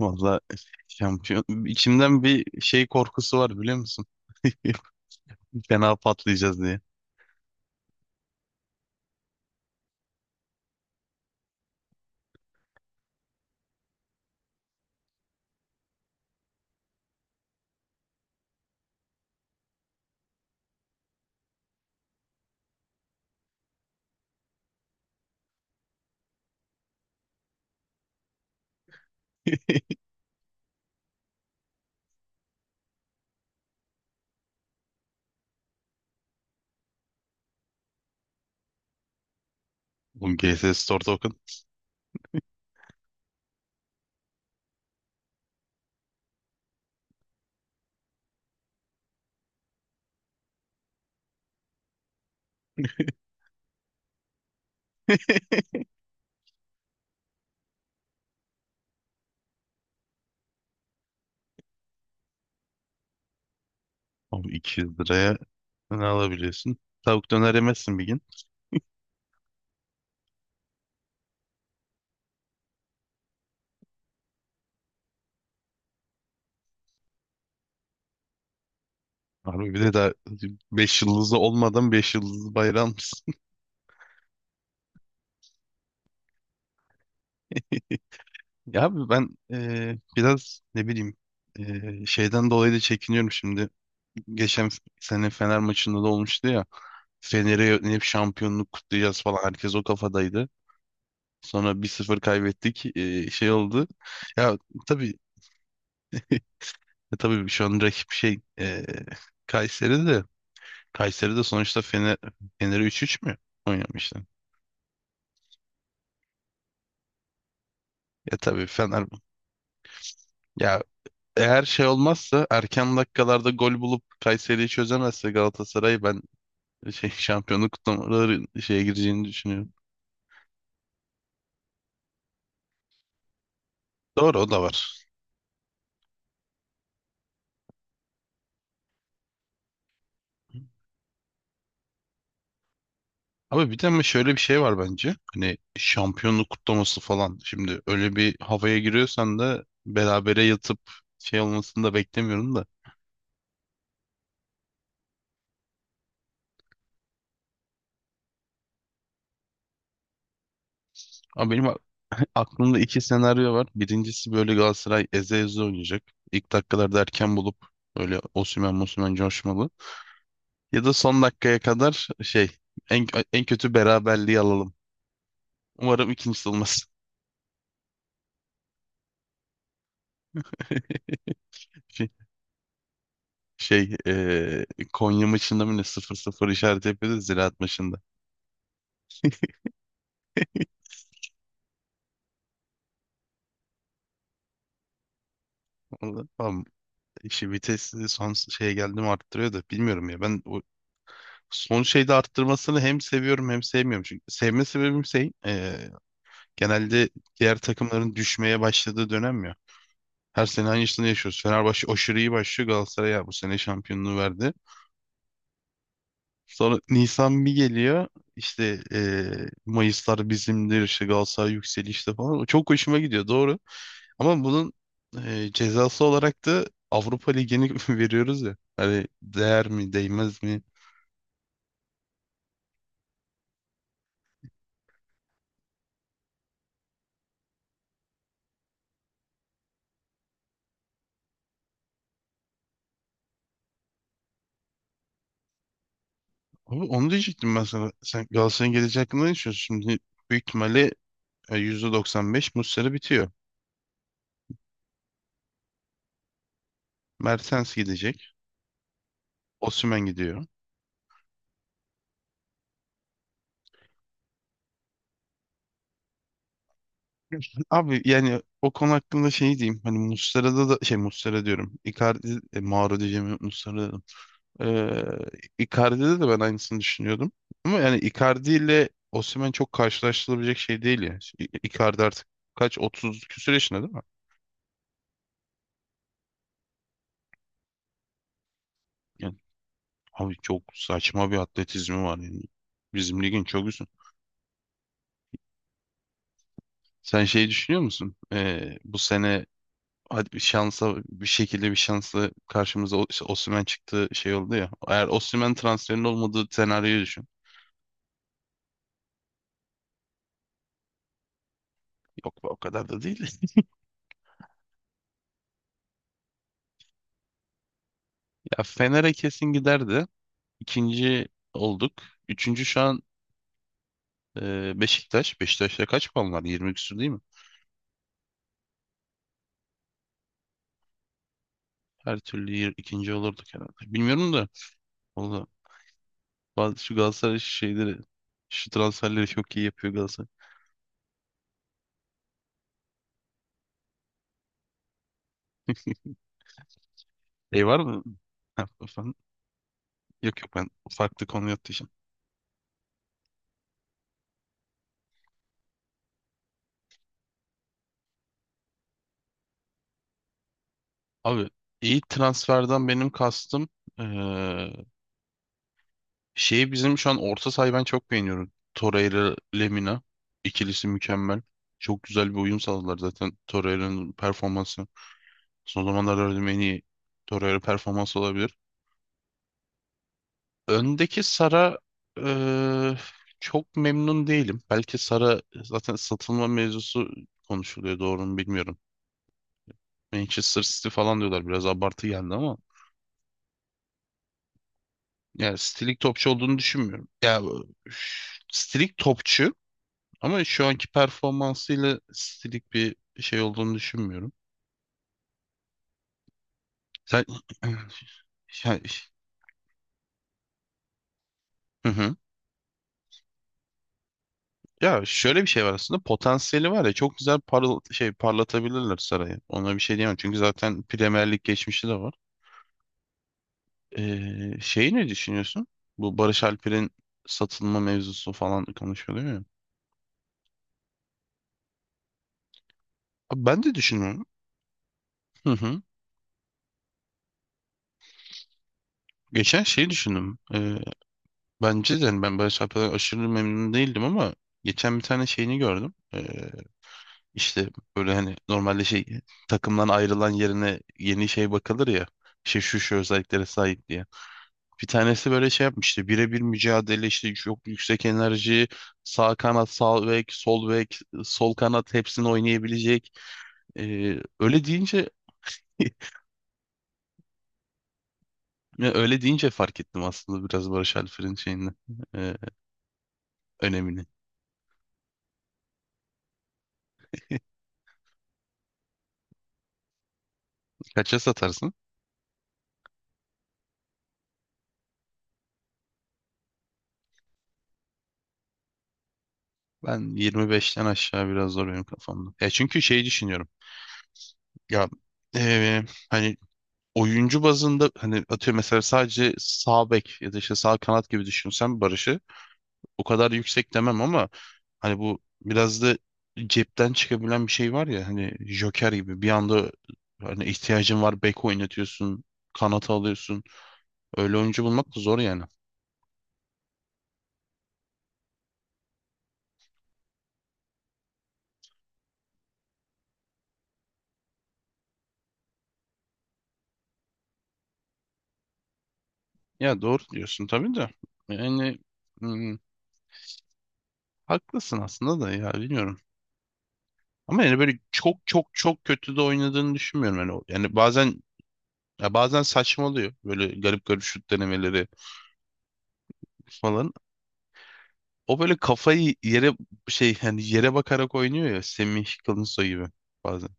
Valla şampiyon. İçimden bir şey korkusu var biliyor musun? Fena patlayacağız diye. Oğlum GS Store Token. Oğlum 200 liraya ne alabiliyorsun? Tavuk döner yemezsin bir gün. Abi bir de daha 5 yıldızı olmadan beş yıldızlı bayrağı almışsın. Ya abi ben biraz ne bileyim şeyden dolayı da çekiniyorum şimdi. Geçen sene Fener maçında da olmuştu ya. Fener'e hep şampiyonluk kutlayacağız falan. Herkes o kafadaydı. Sonra 1-0 kaybettik. Şey oldu. Ya tabii. Tabii şu an rakip şey Kayseri de Kayseri de sonuçta Fener'e 3-3 mü oynamıştı? Ya tabii Fener, ya eğer şey olmazsa, erken dakikalarda gol bulup Kayseri'yi çözemezse Galatasaray, ben şey şampiyonluk kutlamaları şeye gireceğini düşünüyorum. Doğru, o da var. Abi bir de ama şöyle bir şey var bence. Hani şampiyonluk kutlaması falan. Şimdi öyle bir havaya giriyorsan da berabere yatıp şey olmasını da beklemiyorum da. Ama benim aklımda iki senaryo var. Birincisi, böyle Galatasaray eze eze oynayacak. İlk dakikalarda erken bulup böyle Osimhen Mosimhen coşmalı. Ya da son dakikaya kadar şey en, en kötü beraberliği alalım. Umarım ikincisi olmaz. Şey, şey eee, Konya maçında mı ne sıfır sıfır işaret yapıyordu Ziraat maçında. Orada, tamam. İşi vitesini son şeye geldi mi arttırıyor da bilmiyorum ya. Ben o son şeyde arttırmasını hem seviyorum hem sevmiyorum. Çünkü sevme sebebim şey genelde diğer takımların düşmeye başladığı dönem ya. Her sene aynısını yaşıyoruz. Fenerbahçe aşırı iyi başlıyor. Galatasaray ya bu sene şampiyonluğu verdi. Sonra Nisan bir geliyor. İşte Mayıslar bizimdir. İşte Galatasaray yükselişte falan. O çok hoşuma gidiyor, doğru. Ama bunun cezası olarak da Avrupa Ligi'ni veriyoruz ya. Hani değer mi değmez mi? Abi onu diyecektim ben sana. Sen Galatasaray'ın geleceği hakkında ne düşünüyorsun? Şimdi büyük ihtimalle %95 Muslera bitiyor. Mertens gidecek. Osimhen gidiyor. Abi yani o konu hakkında şey diyeyim. Hani Muslera'da da şey, Muslera diyorum. Icardi, Mauro diyeceğim, Muslera dedim. Ee, Icardi'de de ben aynısını düşünüyordum. Ama yani Icardi ile Osimhen çok karşılaştırılabilecek şey değil ya. Icardi artık kaç, 30 küsur yaşında değil mi? Yani abi çok saçma bir atletizmi var yani. Bizim ligin çok üstünde. Sen şey düşünüyor musun? Bu sene hadi bir şansa, bir şekilde, bir şansla karşımıza işte Osimhen çıktı, şey oldu ya. Eğer Osimhen transferinin olmadığı senaryoyu düşün. Yok be, o kadar da değil. Ya Fener'e kesin giderdi. İkinci olduk. Üçüncü şu an Beşiktaş. Beşiktaş'ta kaç puan var? 20 küsur değil mi? Her türlü ikinci olurduk herhalde. Bilmiyorum da. Valla, bazı şu Galatasaray şeyleri, şu transferleri çok iyi yapıyor Galatasaray. Şey var mı? Ha, efendim? Yok, yok, ben farklı konuya atlayacağım. Abi iyi transferden benim kastım eee, şeyi, bizim şu an orta sahayı ben çok beğeniyorum. Torreira Lemina ikilisi mükemmel. Çok güzel bir uyum sağladılar, zaten Torreira'nın performansı. Son zamanlarda gördüğüm en iyi Torreira performansı olabilir. Öndeki Sara, eee, çok memnun değilim. Belki Sara zaten, satılma mevzusu konuşuluyor, doğru mu bilmiyorum. Manchester City falan diyorlar, biraz abartı geldi ama. Ya stilik topçu olduğunu düşünmüyorum. Ya, üf, stilik topçu, ama şu anki performansıyla stilik bir şey olduğunu düşünmüyorum. Sen ya, hı hı. Ya şöyle bir şey var, aslında potansiyeli var ya, çok güzel parıl şey parlatabilirler sarayı. Ona bir şey diyemem, çünkü zaten Premier Lig geçmişi de var. Şeyi ne düşünüyorsun? Bu Barış Alper'in satılma mevzusu falan konuşuluyor ya. Abi, ben de düşünüyorum. Hı hı. Geçen şeyi düşündüm. Bence de, yani, ben Barış şarkılardan aşırı memnun değildim ama geçen bir tane şeyini gördüm. İşte böyle, hani normalde şey, takımdan ayrılan yerine yeni şey bakılır ya. İşte şu şu özelliklere sahip diye. Bir tanesi böyle şey yapmıştı. Birebir mücadele, işte çok yüksek enerji. Sağ kanat, sağ bek, sol bek, sol kanat hepsini oynayabilecek. Öyle deyince ya, öyle deyince fark ettim aslında biraz Barış Alper'in şeyini, e, önemini. Kaça satarsın? Ben 25'ten aşağı biraz zor benim kafamda. Ya çünkü şey düşünüyorum. Ya eee, hani oyuncu bazında, hani atıyor mesela sadece sağ bek ya da işte sağ kanat gibi düşünsem Barış'ı o kadar yüksek demem, ama hani bu biraz da cepten çıkabilen bir şey var ya, hani Joker gibi, bir anda hani ihtiyacın var, bek oynatıyorsun, kanata alıyorsun. Öyle oyuncu bulmak da zor yani. Ya doğru diyorsun tabii de. Yani, hmm, haklısın aslında da, ya bilmiyorum. Ama yani böyle çok çok çok kötü de oynadığını düşünmüyorum. Yani, yani bazen, ya, bazen saçmalıyor. Böyle garip garip şut denemeleri falan. O böyle kafayı yere şey, yani yere bakarak oynuyor ya, Semih Kılınsoy gibi bazen.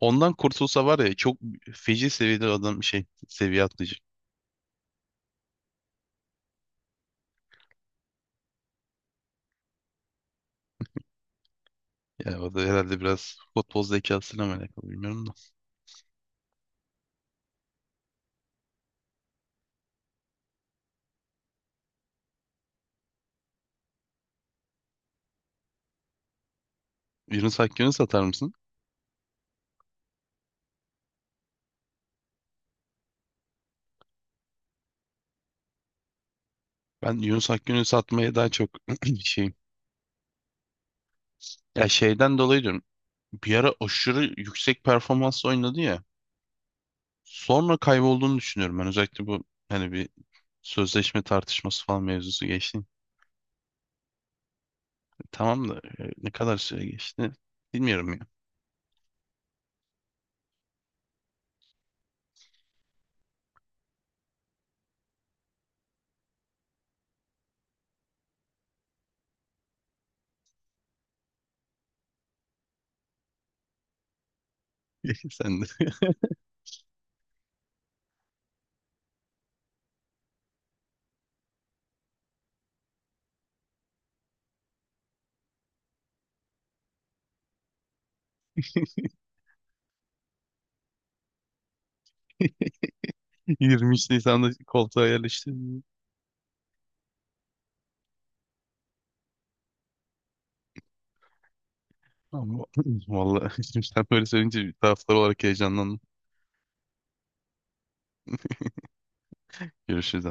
Ondan kurtulsa var ya, çok feci seviyede adam şey, seviye atlayacak. Yani o da herhalde biraz futbol zekasıyla mı alakalı, bilmiyorum da. Yunus Akgün'ü satar mısın? Ben Yunus Akgün'ü satmaya daha çok şeyim. Ya şeyden dolayı diyorum. Bir ara aşırı yüksek performans oynadı ya. Sonra kaybolduğunu düşünüyorum ben. Özellikle bu hani, bir sözleşme tartışması falan mevzusu geçti. Tamam da ne kadar süre geçti bilmiyorum ya. Sen de 23 Nisan'da koltuğa yerleştin. Ama vallahi şimdi sen böyle söyleyince bir taraftar olarak heyecanlandım. Görüşürüz.